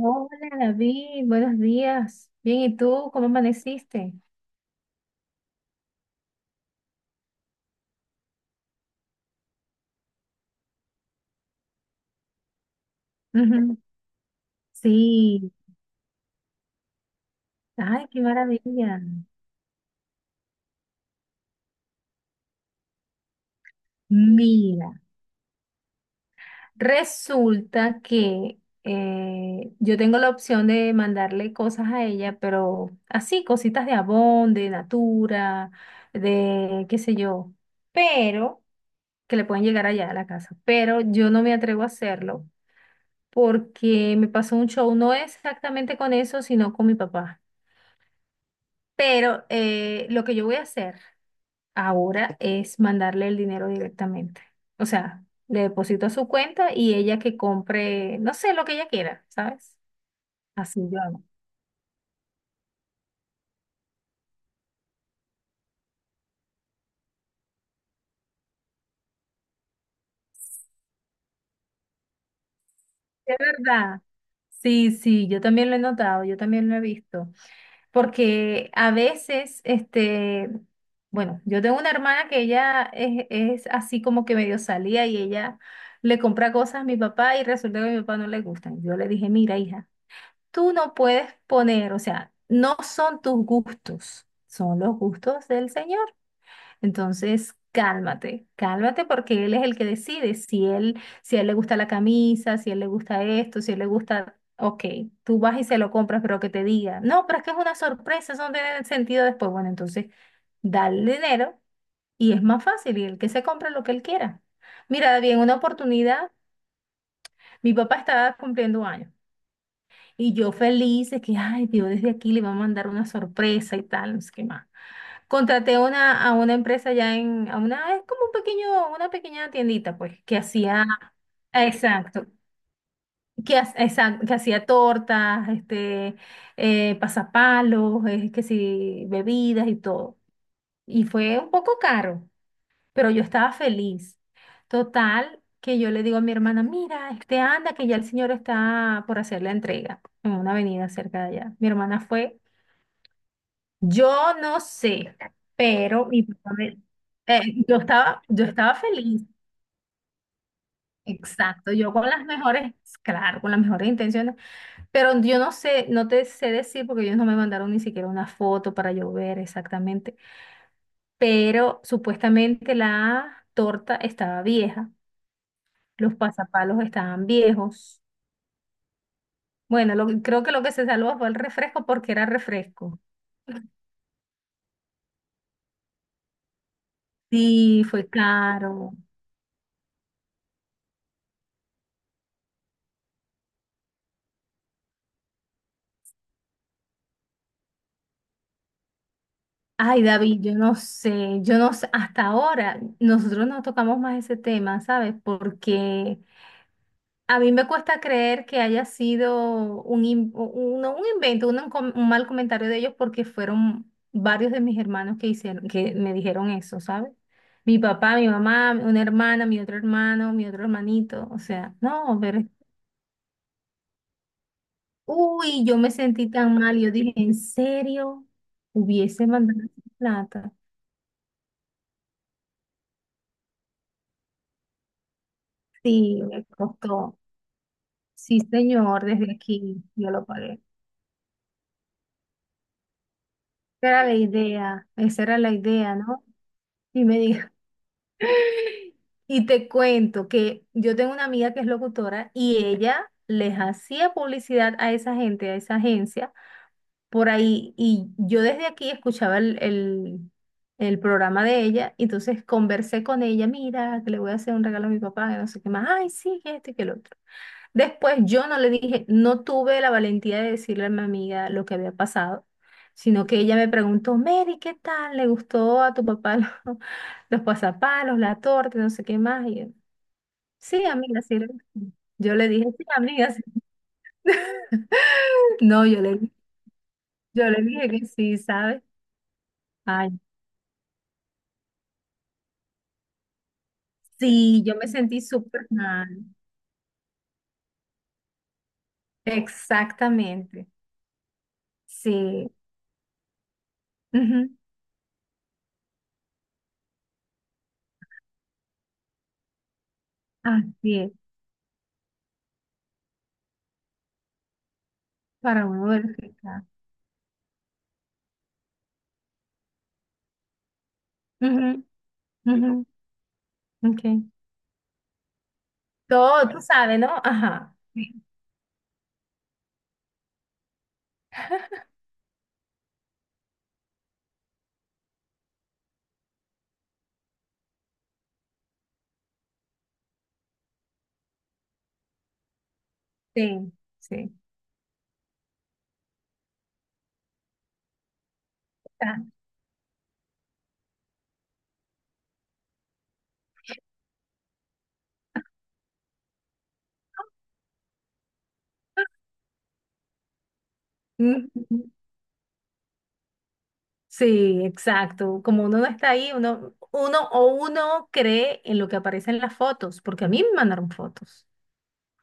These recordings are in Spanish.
Hola David, buenos días. Bien, ¿y tú? ¿Cómo amaneciste? Ujú. Sí, ay, qué maravilla. Mira, resulta que yo tengo la opción de mandarle cosas a ella, pero así, cositas de Avon, de Natura, de qué sé yo, pero que le pueden llegar allá a la casa, pero yo no me atrevo a hacerlo porque me pasó un show, no exactamente con eso, sino con mi papá. Pero lo que yo voy a hacer ahora es mandarle el dinero directamente. O sea, le deposito a su cuenta y ella que compre, no sé, lo que ella quiera, ¿sabes? Así yo hago. De verdad. Sí, sí, yo también lo he notado, yo también lo he visto. Porque a veces, este, bueno, yo tengo una hermana que ella es así como que medio salía y ella le compra cosas a mi papá y resulta que a mi papá no le gustan. Yo le dije, mira, hija. Tú no puedes poner, o sea, no son tus gustos, son los gustos del Señor. Entonces, cálmate, cálmate porque Él es el que decide si él, si a él le gusta la camisa, si a él le gusta esto, si a él le gusta, ok, tú vas y se lo compras, pero que te diga, no, pero es que es una sorpresa, eso no tiene sentido después. Bueno, entonces, dale el dinero y es más fácil y el que se compra lo que él quiera. Mira, David, en una oportunidad, mi papá estaba cumpliendo años. Y yo feliz de que, ay, Dios, desde aquí le va a mandar una sorpresa y tal, no sé qué más. Contraté a una, empresa ya en, es como un pequeño, una pequeña tiendita, pues, que hacía, exacto, que, exacto, que hacía tortas, pasapalos, que sí, bebidas y todo. Y fue un poco caro, pero yo estaba feliz. Total, que yo le digo a mi hermana, mira, este anda, que ya el señor está por hacer la entrega en una avenida cerca de allá. Mi hermana fue. Yo no sé, pero eh, yo estaba feliz, exacto, yo con las mejores, claro, con las mejores intenciones, pero yo no sé, no te sé decir porque ellos no me mandaron ni siquiera una foto para yo ver exactamente, pero supuestamente la torta estaba vieja, los pasapalos estaban viejos. Bueno, creo que lo que se salvó fue el refresco porque era refresco. Sí, fue caro. Ay, David, yo no sé, hasta ahora nosotros no tocamos más ese tema, ¿sabes? Porque a mí me cuesta creer que haya sido un, no, un invento, un mal comentario de ellos porque fueron varios de mis hermanos que hicieron, que me dijeron eso, ¿sabes? Mi papá, mi mamá, una hermana, mi otro hermano, mi otro hermanito, o sea, no, pero, uy, yo me sentí tan mal, yo dije, ¿en serio? Hubiese mandado esa plata. Sí, me costó. Sí, señor, desde aquí yo lo pagué. Esa era la idea, esa era la idea, ¿no? Y me dijo, y te cuento que yo tengo una amiga que es locutora y ella les hacía publicidad a esa gente, a esa agencia, por ahí, y yo desde aquí escuchaba el programa de ella, y entonces conversé con ella, mira, que le voy a hacer un regalo a mi papá, que no sé qué más, ay, sí, que esto y que el otro. Después yo no le dije, no tuve la valentía de decirle a mi amiga lo que había pasado, sino que ella me preguntó, Mary, ¿qué tal? ¿Le gustó a tu papá los, los pasapalos, la torta, no sé qué más? Y yo, sí, amiga, sí. Le gustó". Yo le dije, sí, amiga, sí". No, yo le dije que sí, ¿sabes? Ay, sí, yo me sentí súper mal. Exactamente, sí. Ujú. Así es, para uno verificar. Ujú, ujú, ok. Todo, tú sabes, ¿no? Ajá. Sí, sí, sí. Ah, mm, sí, exacto. Como uno no está ahí, uno, uno o uno cree en lo que aparece en las fotos, porque a mí me mandaron fotos,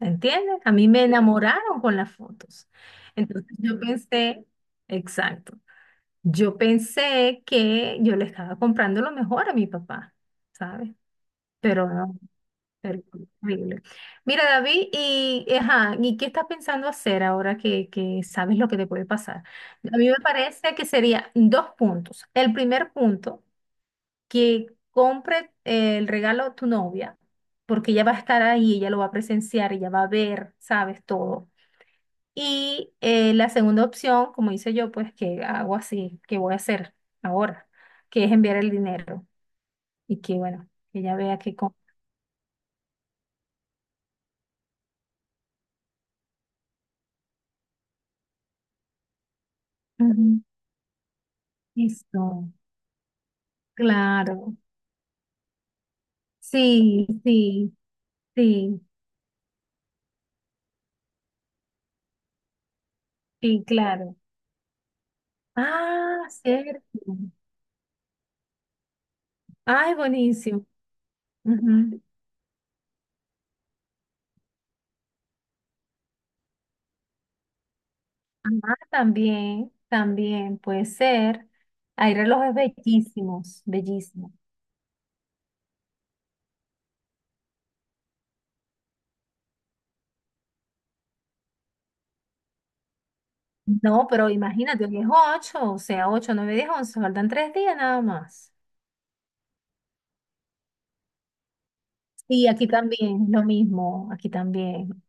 ¿entiendes? A mí me enamoraron con las fotos. Entonces yo pensé, exacto, yo pensé que yo le estaba comprando lo mejor a mi papá, ¿sabes? Pero no. Terrible. Mira, David, y, ajá, ¿y qué estás pensando hacer ahora que sabes lo que te puede pasar? A mí me parece que sería dos puntos. El primer punto, que compre el regalo a tu novia, porque ella va a estar ahí, ella lo va a presenciar, ella va a ver, sabes, todo. Y la segunda opción, como hice yo, pues que hago así, que voy a hacer ahora, que es enviar el dinero y que, bueno, que ella vea que... com- Ujú. Eso. Claro. Sí, sí, sí, sí, claro. Ah, cierto. Ay, buenísimo. Ujú. Ah, también, también puede ser. Hay relojes bellísimos, bellísimos. No, pero imagínate, hoy es ocho, o sea, ocho, nueve, diez, once, faltan tres días nada más. Sí, aquí también, lo mismo, aquí también.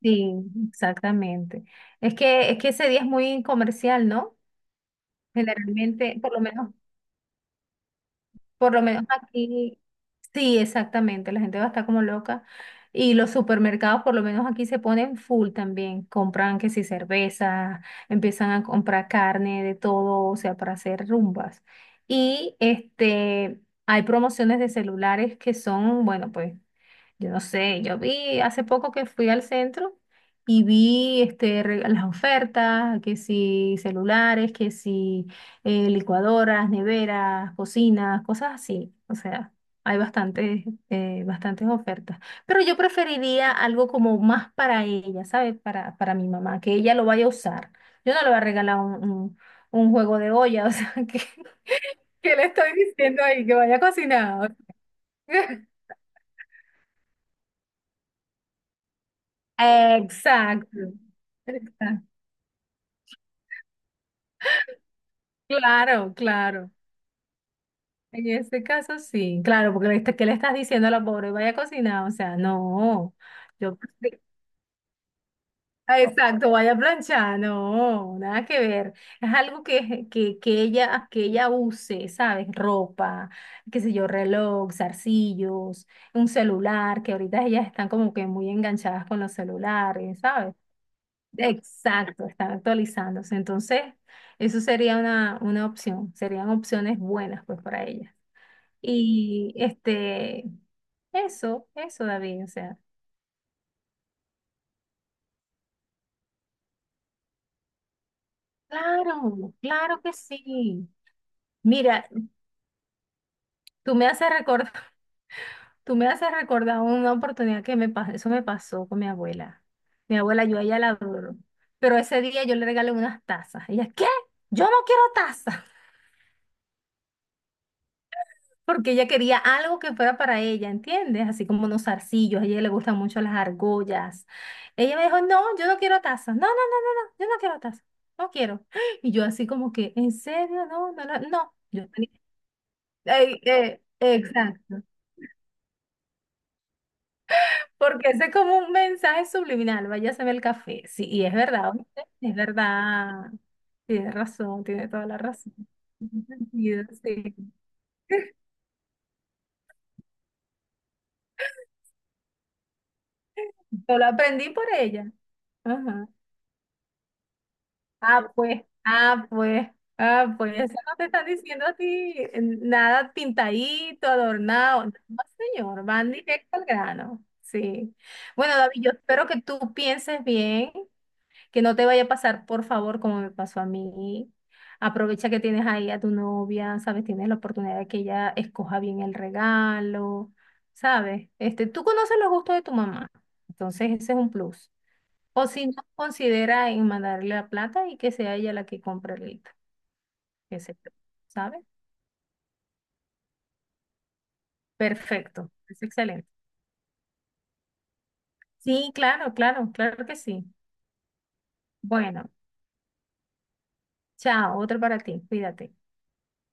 Sí, exactamente. Es que ese día es muy comercial, ¿no? Generalmente, por lo menos. Por lo menos aquí, sí, exactamente, la gente va a estar como loca. Y los supermercados, por lo menos aquí, se ponen full también. Compran que si cerveza, empiezan a comprar carne, de todo, o sea, para hacer rumbas. Y este, hay promociones de celulares que son, bueno, pues. Yo no sé, yo vi hace poco que fui al centro y vi las ofertas, que si celulares, que si licuadoras, neveras, cocinas, cosas así. O sea, hay bastantes ofertas. Pero yo preferiría algo como más para ella, ¿sabes? Para mi mamá, que ella lo vaya a usar. Yo no le voy a regalar un juego de olla, o sea, que le estoy diciendo ahí que vaya a cocinar. Exacto, exacto. Claro, claro. En este caso sí, claro, porque le está- ¿qué le estás diciendo a la pobre? Vaya a cocinar, o sea, no. Yo, exacto, vaya a planchar, no, nada que ver. Es algo que ella use, ¿sabes? Ropa, qué sé yo, reloj, zarcillos, un celular, que ahorita ellas están como que muy enganchadas con los celulares, ¿sabes? Exacto, están actualizándose. Entonces, eso sería una opción, serían opciones buenas pues para ellas. Y este, eso, David, o sea, claro, claro que sí. Mira, tú me haces recordar, tú me haces recordar una oportunidad que me pasó, eso me pasó con mi abuela. Mi abuela, yo a ella la adoro, pero ese día yo le regalé unas tazas. Ella, ¿qué? Yo no quiero tazas. Porque ella quería algo que fuera para ella, ¿entiendes? Así como unos zarcillos, a ella le gustan mucho las argollas. Ella me dijo, no, yo no quiero tazas, no, no, no, no, no, yo no quiero tazas, no quiero. Y yo así como que, ¿en serio? No, no, no, no. Yo tenía- exacto, porque ese es como un mensaje subliminal, váyase a ver el café, sí, y es verdad, ¿oíste? Es verdad, tiene razón, tiene toda la razón. Tiene sentido, sí. Yo lo aprendí por ella. Ajá. Ah, pues, ah, pues, ah, pues, eso no te están diciendo a ti nada pintadito, adornado. No, señor, van directo al grano. Sí. Bueno, David, yo espero que tú pienses bien, que no te vaya a pasar, por favor, como me pasó a mí. Aprovecha que tienes ahí a tu novia, ¿sabes? Tienes la oportunidad de que ella escoja bien el regalo, ¿sabes? Este, tú conoces los gustos de tu mamá, entonces ese es un plus. O si no, considera en mandarle la plata y que sea ella la que compre el hito, qué se yo, ¿sabe? Perfecto, es excelente. Sí, claro, claro, claro que sí. Bueno, chao, otro para ti, cuídate.